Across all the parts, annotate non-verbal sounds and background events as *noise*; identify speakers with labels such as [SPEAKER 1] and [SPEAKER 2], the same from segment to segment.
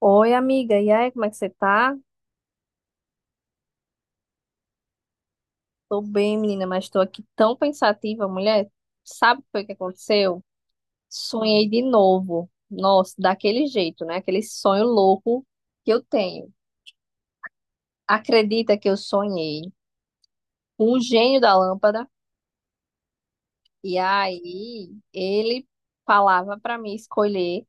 [SPEAKER 1] Oi, amiga. E aí, como é que você tá? Tô bem, menina, mas tô aqui tão pensativa, mulher. Sabe o que foi que aconteceu? Sonhei de novo. Nossa, daquele jeito, né? Aquele sonho louco que eu tenho. Acredita que eu sonhei com o gênio da lâmpada? E aí, ele falava pra mim escolher,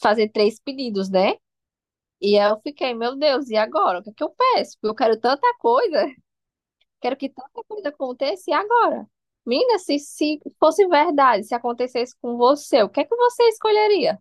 [SPEAKER 1] fazer três pedidos, né? E aí eu fiquei, meu Deus, e agora? O que é que eu peço? Porque eu quero tanta coisa. Quero que tanta coisa aconteça e agora. Menina, se fosse verdade, se acontecesse com você, o que é que você escolheria?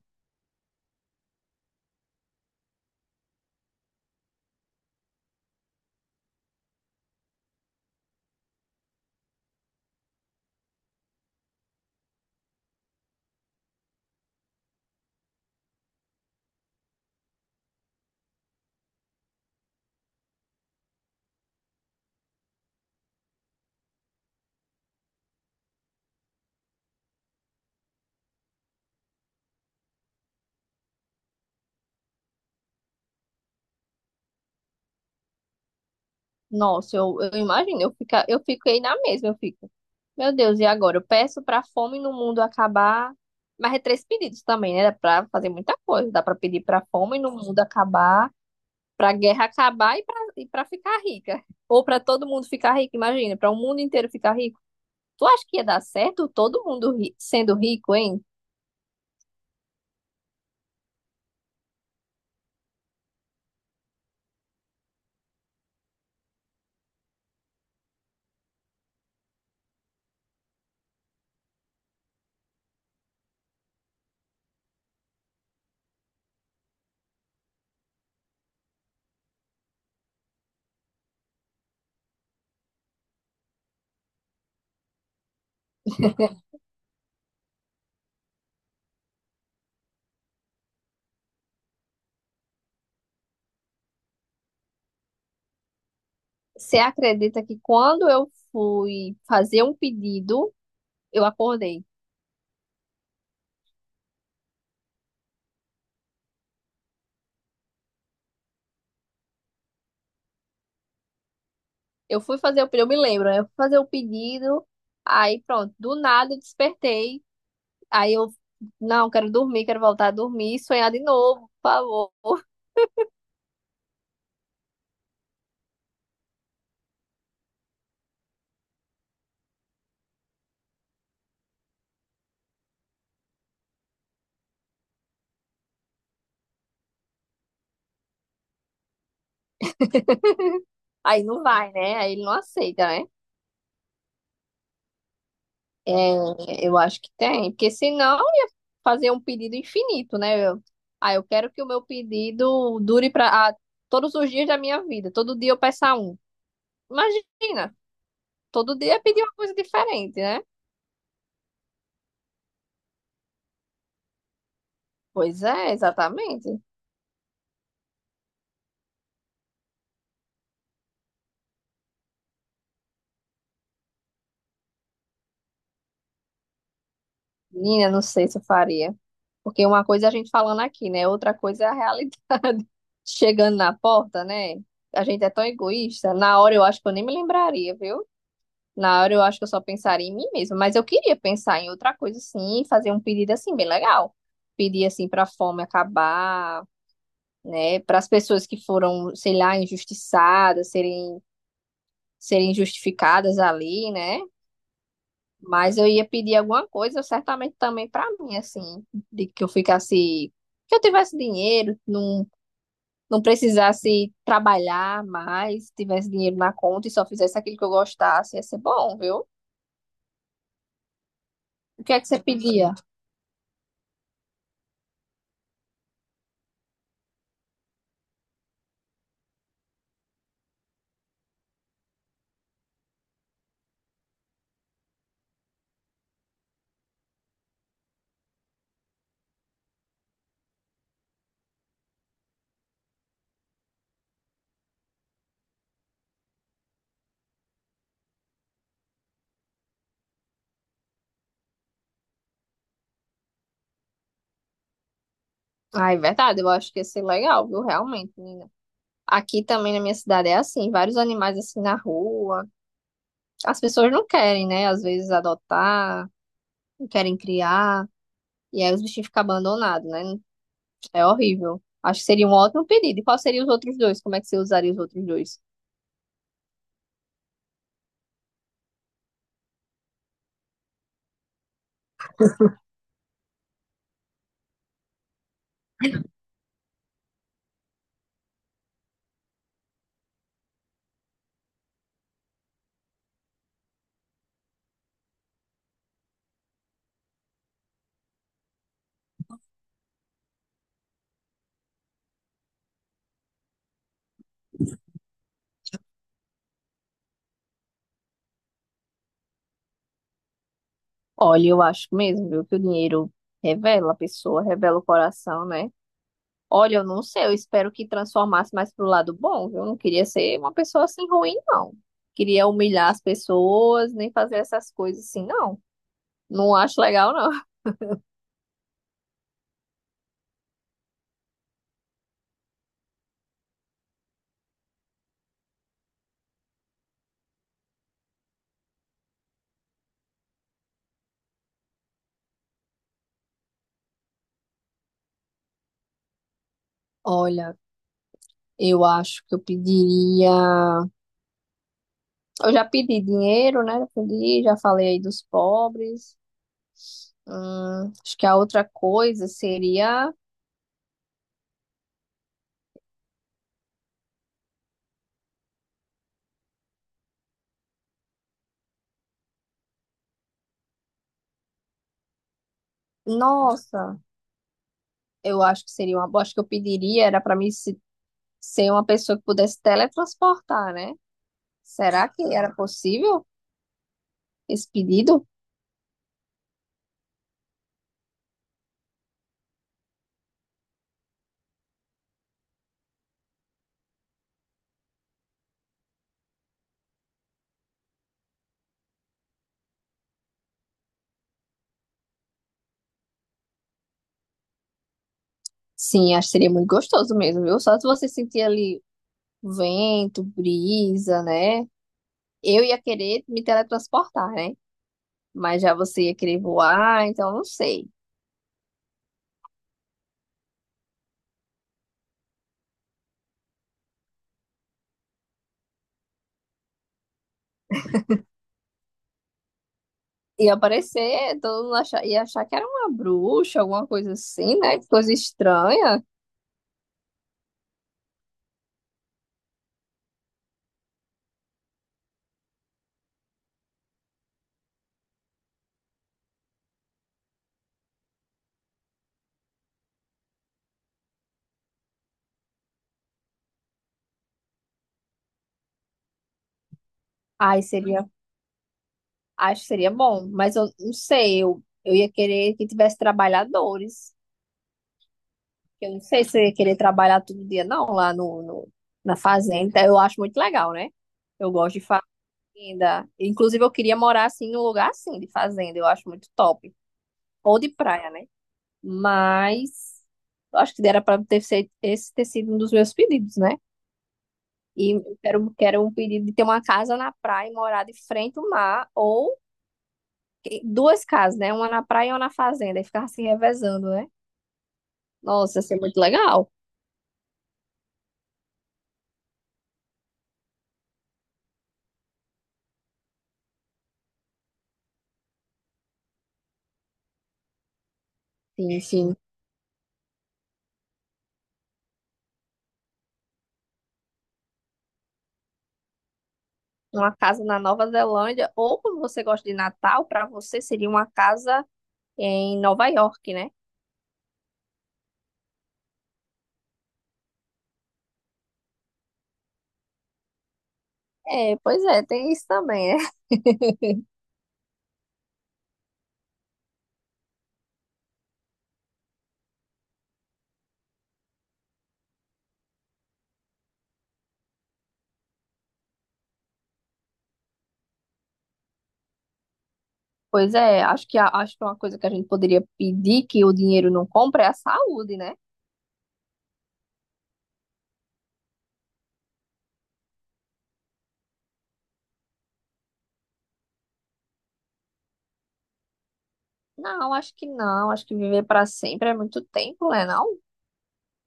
[SPEAKER 1] Nossa, eu imagino, eu, fica, eu fiquei na mesma, eu fico. Meu Deus, e agora? Eu peço pra fome no mundo acabar. Mas é três pedidos também, né? Dá pra fazer muita coisa. Dá pra pedir pra fome no mundo acabar, pra guerra acabar e pra ficar rica. Ou pra todo mundo ficar rico, imagina, pra o mundo inteiro ficar rico. Tu acha que ia dar certo todo mundo sendo rico, hein? Você acredita que quando eu fui fazer um pedido, eu acordei. Eu fui fazer o pedido, eu me lembro, né? Eu fui fazer o pedido, aí pronto, do nada eu despertei. Aí eu, não, quero dormir, quero voltar a dormir, e sonhar de novo, por favor. *laughs* Aí não vai, né? Aí ele não aceita, né? É, eu acho que tem, porque senão eu ia fazer um pedido infinito, né? Eu, ah, eu quero que o meu pedido dure para todos os dias da minha vida, todo dia eu peça um. Imagina. Todo dia pedir uma coisa diferente, né? Pois é, exatamente. Menina, não sei se eu faria. Porque uma coisa é a gente falando aqui, né? Outra coisa é a realidade. *laughs* Chegando na porta, né? A gente é tão egoísta. Na hora eu acho que eu nem me lembraria, viu? Na hora eu acho que eu só pensaria em mim mesma. Mas eu queria pensar em outra coisa, sim, e fazer um pedido assim, bem legal. Pedir assim pra fome acabar, né? Para as pessoas que foram, sei lá, injustiçadas, serem justificadas ali, né? Mas eu ia pedir alguma coisa, certamente também pra mim, assim, de que eu ficasse, que eu tivesse dinheiro, não, não precisasse trabalhar mais, tivesse dinheiro na conta e só fizesse aquilo que eu gostasse, ia ser bom, viu? O que é que você pedia? Ah, é verdade, eu acho que ia ser legal, viu? Realmente, menina. Aqui também na minha cidade é assim, vários animais assim na rua. As pessoas não querem, né? Às vezes adotar, não querem criar, e aí os bichinhos ficam abandonados, né? É horrível. Acho que seria um ótimo pedido. E qual seria os outros dois? Como é que você usaria os outros dois? Olha, eu acho mesmo, viu, que o dinheiro revela a pessoa, revela o coração, né? Olha, eu não sei, eu espero que transformasse mais pro lado bom, viu? Eu não queria ser uma pessoa assim ruim, não. Queria humilhar as pessoas, nem fazer essas coisas assim, não. Não acho legal, não. Olha, eu acho que eu pediria. Eu já pedi dinheiro, né? Eu pedi, já falei aí dos pobres. Acho que a outra coisa seria, nossa, eu acho que seria uma, boa. Acho que eu pediria era para mim ser uma pessoa que pudesse teletransportar, né? Será que era possível esse pedido? Sim, acho que seria muito gostoso mesmo, viu? Só se você sentir ali vento, brisa, né? Eu ia querer me teletransportar, né? Mas já você ia querer voar, então não sei. Ia aparecer, todo mundo ia achar que era uma bruxa, alguma coisa assim, né? Que coisa estranha. Ai, seria, acho que seria bom, mas eu não sei, eu ia querer que tivesse trabalhadores. Eu não sei se eu ia querer trabalhar todo dia, não, lá no, no- na fazenda. Eu acho muito legal, né? Eu gosto de fazenda. Inclusive, eu queria morar assim num lugar assim de fazenda, eu acho muito top. Ou de praia, né? Mas eu acho que dera para ter sido, esse ter sido um dos meus pedidos, né? E eu quero, quero um pedido de ter uma casa na praia e morar de frente ao mar, ou e duas casas, né? Uma na praia e uma na fazenda. E ficava se revezando, né? Nossa, ia ser muito legal. Sim, sim. Uma casa na Nova Zelândia, ou como você gosta de Natal, para você seria uma casa em Nova York, né? É, pois é, tem isso também, né? *laughs* Pois é, acho que, acho que uma coisa que a gente poderia pedir que o dinheiro não compra é a saúde, né? Não, acho que não. Acho que viver para sempre é muito tempo, né? Não?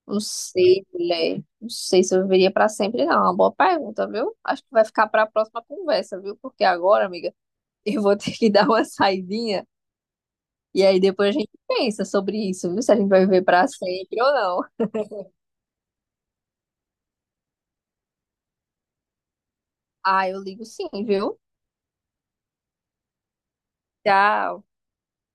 [SPEAKER 1] Não sei, mulher. Não sei se eu viveria pra sempre, não. É uma boa pergunta, viu? Acho que vai ficar pra próxima conversa, viu? Porque agora, amiga, *laughs* eu vou ter que dar uma saidinha e aí depois a gente pensa sobre isso, viu? Se a gente vai viver pra sempre ou não. Ah, eu ligo sim, viu? Tchau.